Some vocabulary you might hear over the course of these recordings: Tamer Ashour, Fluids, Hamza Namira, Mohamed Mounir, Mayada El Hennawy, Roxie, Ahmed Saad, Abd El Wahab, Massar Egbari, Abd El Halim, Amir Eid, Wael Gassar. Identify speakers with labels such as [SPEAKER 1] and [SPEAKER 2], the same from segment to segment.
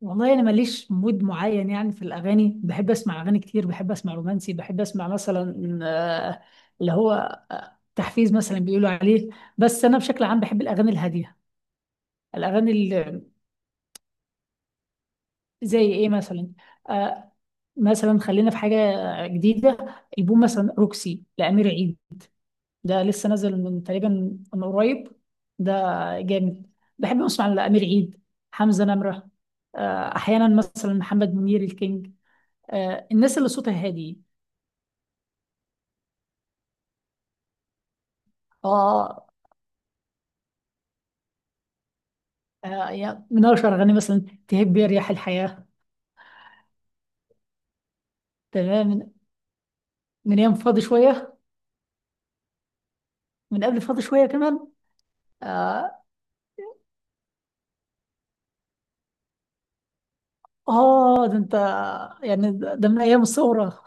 [SPEAKER 1] والله انا ماليش مود معين يعني، في الاغاني بحب اسمع اغاني كتير. بحب اسمع رومانسي، بحب اسمع مثلا اللي هو تحفيز مثلا بيقولوا عليه. بس انا بشكل عام بحب الاغاني الهاديه، الاغاني اللي زي ايه مثلا. آه، مثلا خلينا في حاجه جديده. البوم مثلا روكسي لامير عيد، ده لسه نازل من تقريبا، من قريب. ده جامد. بحب اسمع لامير عيد، حمزه نمره. احيانا مثلا محمد منير الكينج. الناس اللي صوتها هادي. اه، يعني من اشهر اغاني مثلا تهب يا رياح الحياه. تمام، من من ايام فاضي شويه. من قبل فاضي شويه كمان. اه، ده انت يعني، ده من ايام الثوره.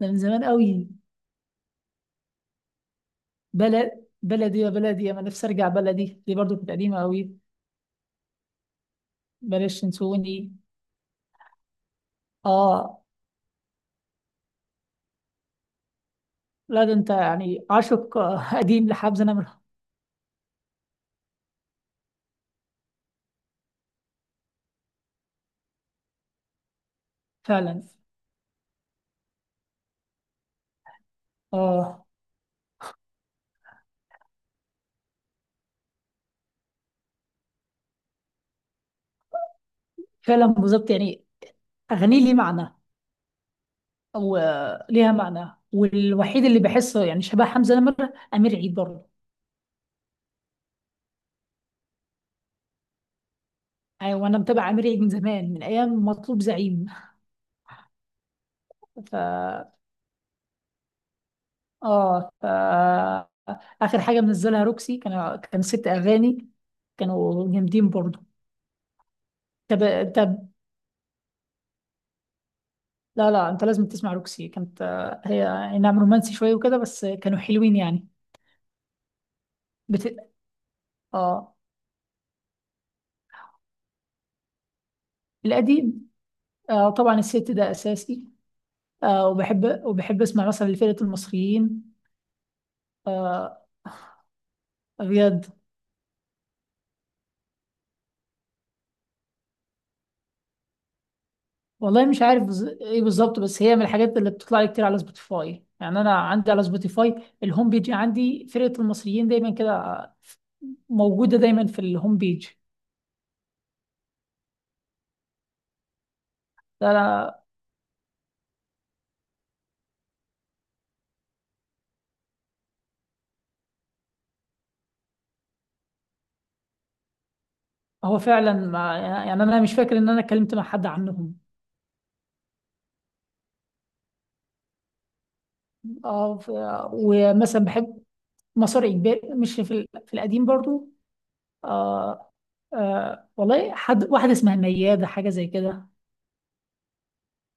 [SPEAKER 1] ده من زمان قوي. بلد، بلدي يا بلدي، انا نفسي ارجع بلدي. دي برضو كانت قديمه قوي. بلاش تنسوني. اه، لا ده انت يعني عاشق قديم لحب زنمر. فعلا. اه فعلا بالظبط يعني، اغاني لي معنى وليها معنى. والوحيد اللي بحسه يعني شبه حمزة نمرة أمير عيد برضه. يعني وأنا متابعة أمير عيد من زمان، من أيام مطلوب زعيم. ف آه ف آخر حاجة منزلها روكسي، كان كان ست أغاني، كانوا جامدين برضه. طب طب، لا لا أنت لازم تسمع روكسي. كانت هي أي نعم رومانسي شوية وكده، بس كانوا حلوين يعني. بت... آه. القديم؟ آه طبعا، الست ده أساسي. آه، وبحب أسمع مثلا لفرقة المصريين. آه، بجد. والله مش عارف ايه بالظبط، بس هي من الحاجات اللي بتطلع لي كتير على سبوتيفاي. يعني انا عندي على سبوتيفاي الهوم بيج، عندي فرقة المصريين دايما كده موجودة دايما في الهوم بيج. ده أنا- هو فعلا، ما يعني انا مش فاكر ان انا اتكلمت مع حد عنهم. اه، ومثلا بحب مسار اجباري. مش في القديم برضو. آه. آه، والله حد، واحدة اسمها ميادة حاجة زي كده.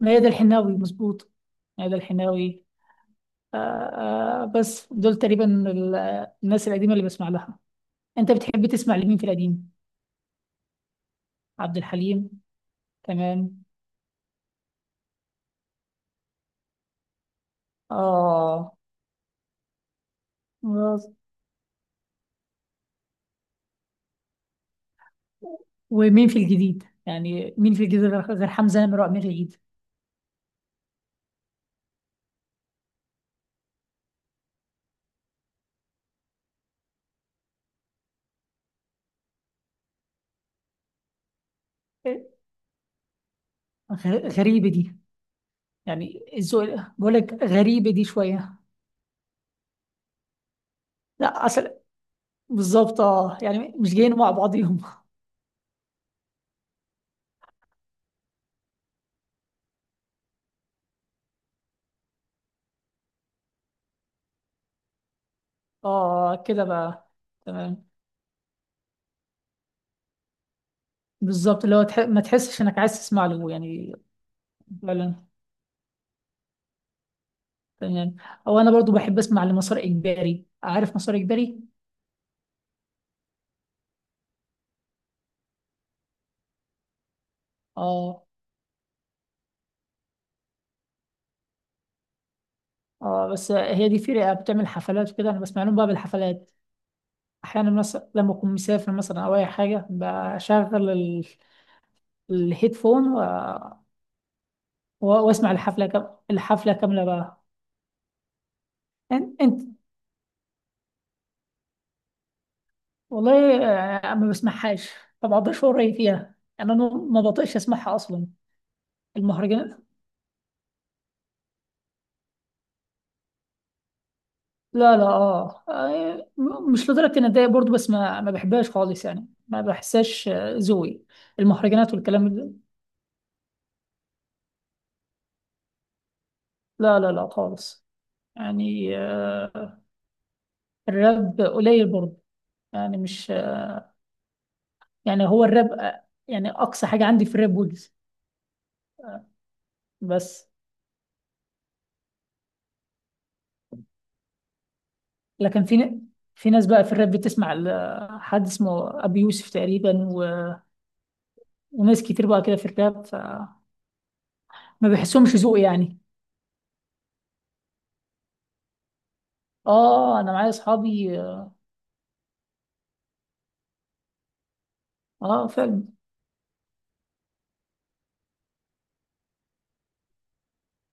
[SPEAKER 1] ميادة الحناوي مظبوط. ميادة الحناوي. آه. آه بس دول تقريبا الناس القديمة اللي بسمع لها. انت بتحب تسمع لمين في القديم؟ عبد الحليم. تمام. اه بس. ومين في الجديد يعني، مين في الجديد غير حمزة نمرة وأمير عيد؟ غريبة دي، يعني الذوق. بقول لك غريبة دي شوية. لا أصل بالظبط اه، يعني مش جايين مع بعضيهم. اه كده بقى. تمام. بالظبط، اللي هو ما تحسش انك عايز تسمع له يعني. فعلا. تمام. او انا برضو بحب اسمع لمسار اجباري، عارف مسار اجباري؟ اه اه. بس هي دي فرقه بتعمل حفلات وكده، انا بسمع لهم بقى بالحفلات. احيانا مثلا لما اكون مسافر مثلا او اي حاجه، بشغل الهيدفون و... واسمع الحفله كامله بقى. انت, انت والله، ما بسمعهاش. ما بقدرش اقول رايي فيها، انا ما بطيقش اسمعها اصلا. المهرجان، لا لا اه، مش لدرجة اني اتضايق برضه، بس ما بحبهاش خالص يعني. ما بحسهاش ذوقي، المهرجانات والكلام ده. لا لا لا خالص. يعني آه. الراب قليل برضه. يعني مش يعني هو الراب يعني اقصى حاجة عندي في الراب ويجز. بس. لكن في ناس بقى في الراب بتسمع ل حد اسمه ابي يوسف تقريبا وناس كتير بقى كده في الراب، فما بحسهمش ذوقي يعني. اه انا معايا اصحابي اه. فعلا.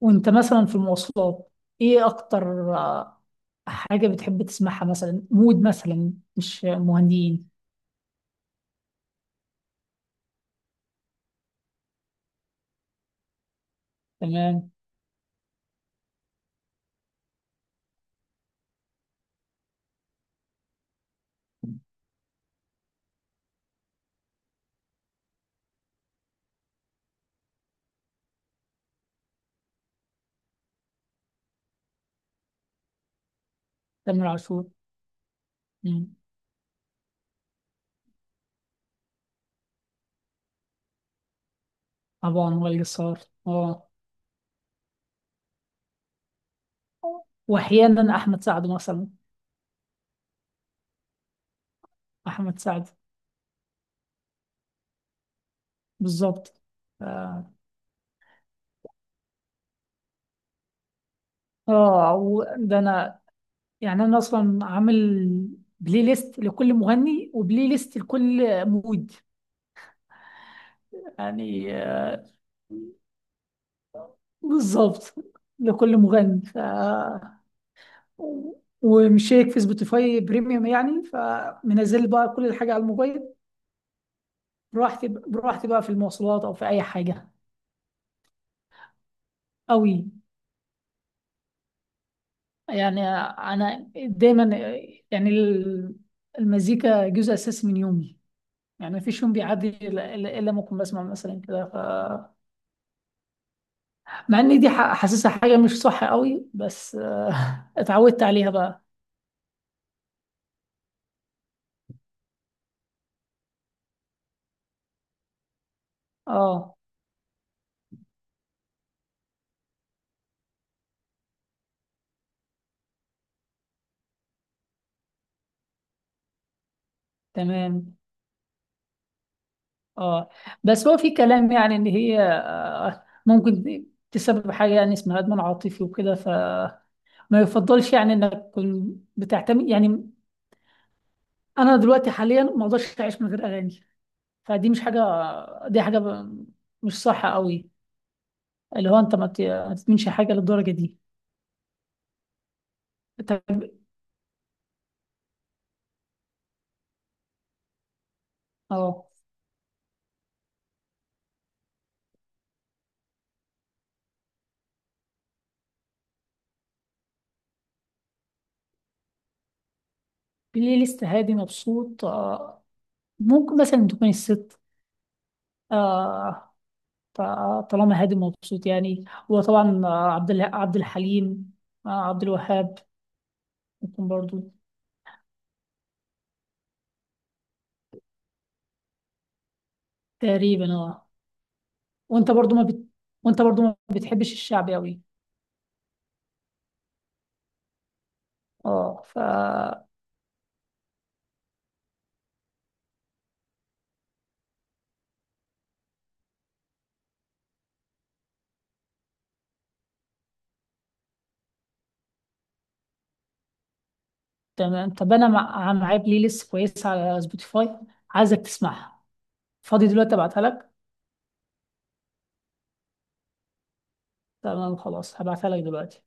[SPEAKER 1] وانت مثلا في المواصلات ايه اكتر حاجة بتحب تسمعها؟ مثلا مود مثلا مش مهندين. تمام. تامر عاشور. مم. طبعا وائل جسار. اه. واحيانا احمد سعد مثلا. احمد سعد بالظبط. اه. وده انا يعني، انا اصلا عامل بلاي ليست لكل مغني، وبلاي ليست لكل مود. يعني بالظبط، لكل مغني. ف ومشترك في سبوتيفاي بريميوم يعني، فمنزل بقى كل الحاجة على الموبايل. براحتي، براحتي بقى في المواصلات أو في أي حاجة. أوي. يعني أنا دايما يعني المزيكا جزء أساسي من يومي. يعني مفيش يوم بيعدي إلا إلا لما أكون بسمع مثلا كده. ف مع إن دي حاسسها حاجة مش صح أوي، بس اتعودت عليها بقى. اه تمام. اه بس هو في كلام يعني، ان هي ممكن تسبب حاجه يعني اسمها ادمان عاطفي وكده، فما يفضلش يعني انك تكون بتعتمد يعني. انا دلوقتي حاليا ما اقدرش اعيش من غير اغاني. فدي مش حاجه، دي مش صح قوي. اللي هو انت ما تدمنش حاجه للدرجه دي. طب، اه، بلاي ليست هادي مبسوط، ممكن مثلا تكون الست، آه، فطالما هادي مبسوط يعني. وطبعا عبد الحليم، عبد الوهاب ممكن برضو. تقريبا اه. وانت برضو ما بت... وانت برضو ما بتحبش الشعبي قوي. اه ف. تمام، طب انا معايا بلاي ليست كويسه على سبوتيفاي، عايزك تسمعها. فاضي دلوقتي؟ ابعتها لك. تمام خلاص، هبعتها لك دلوقتي.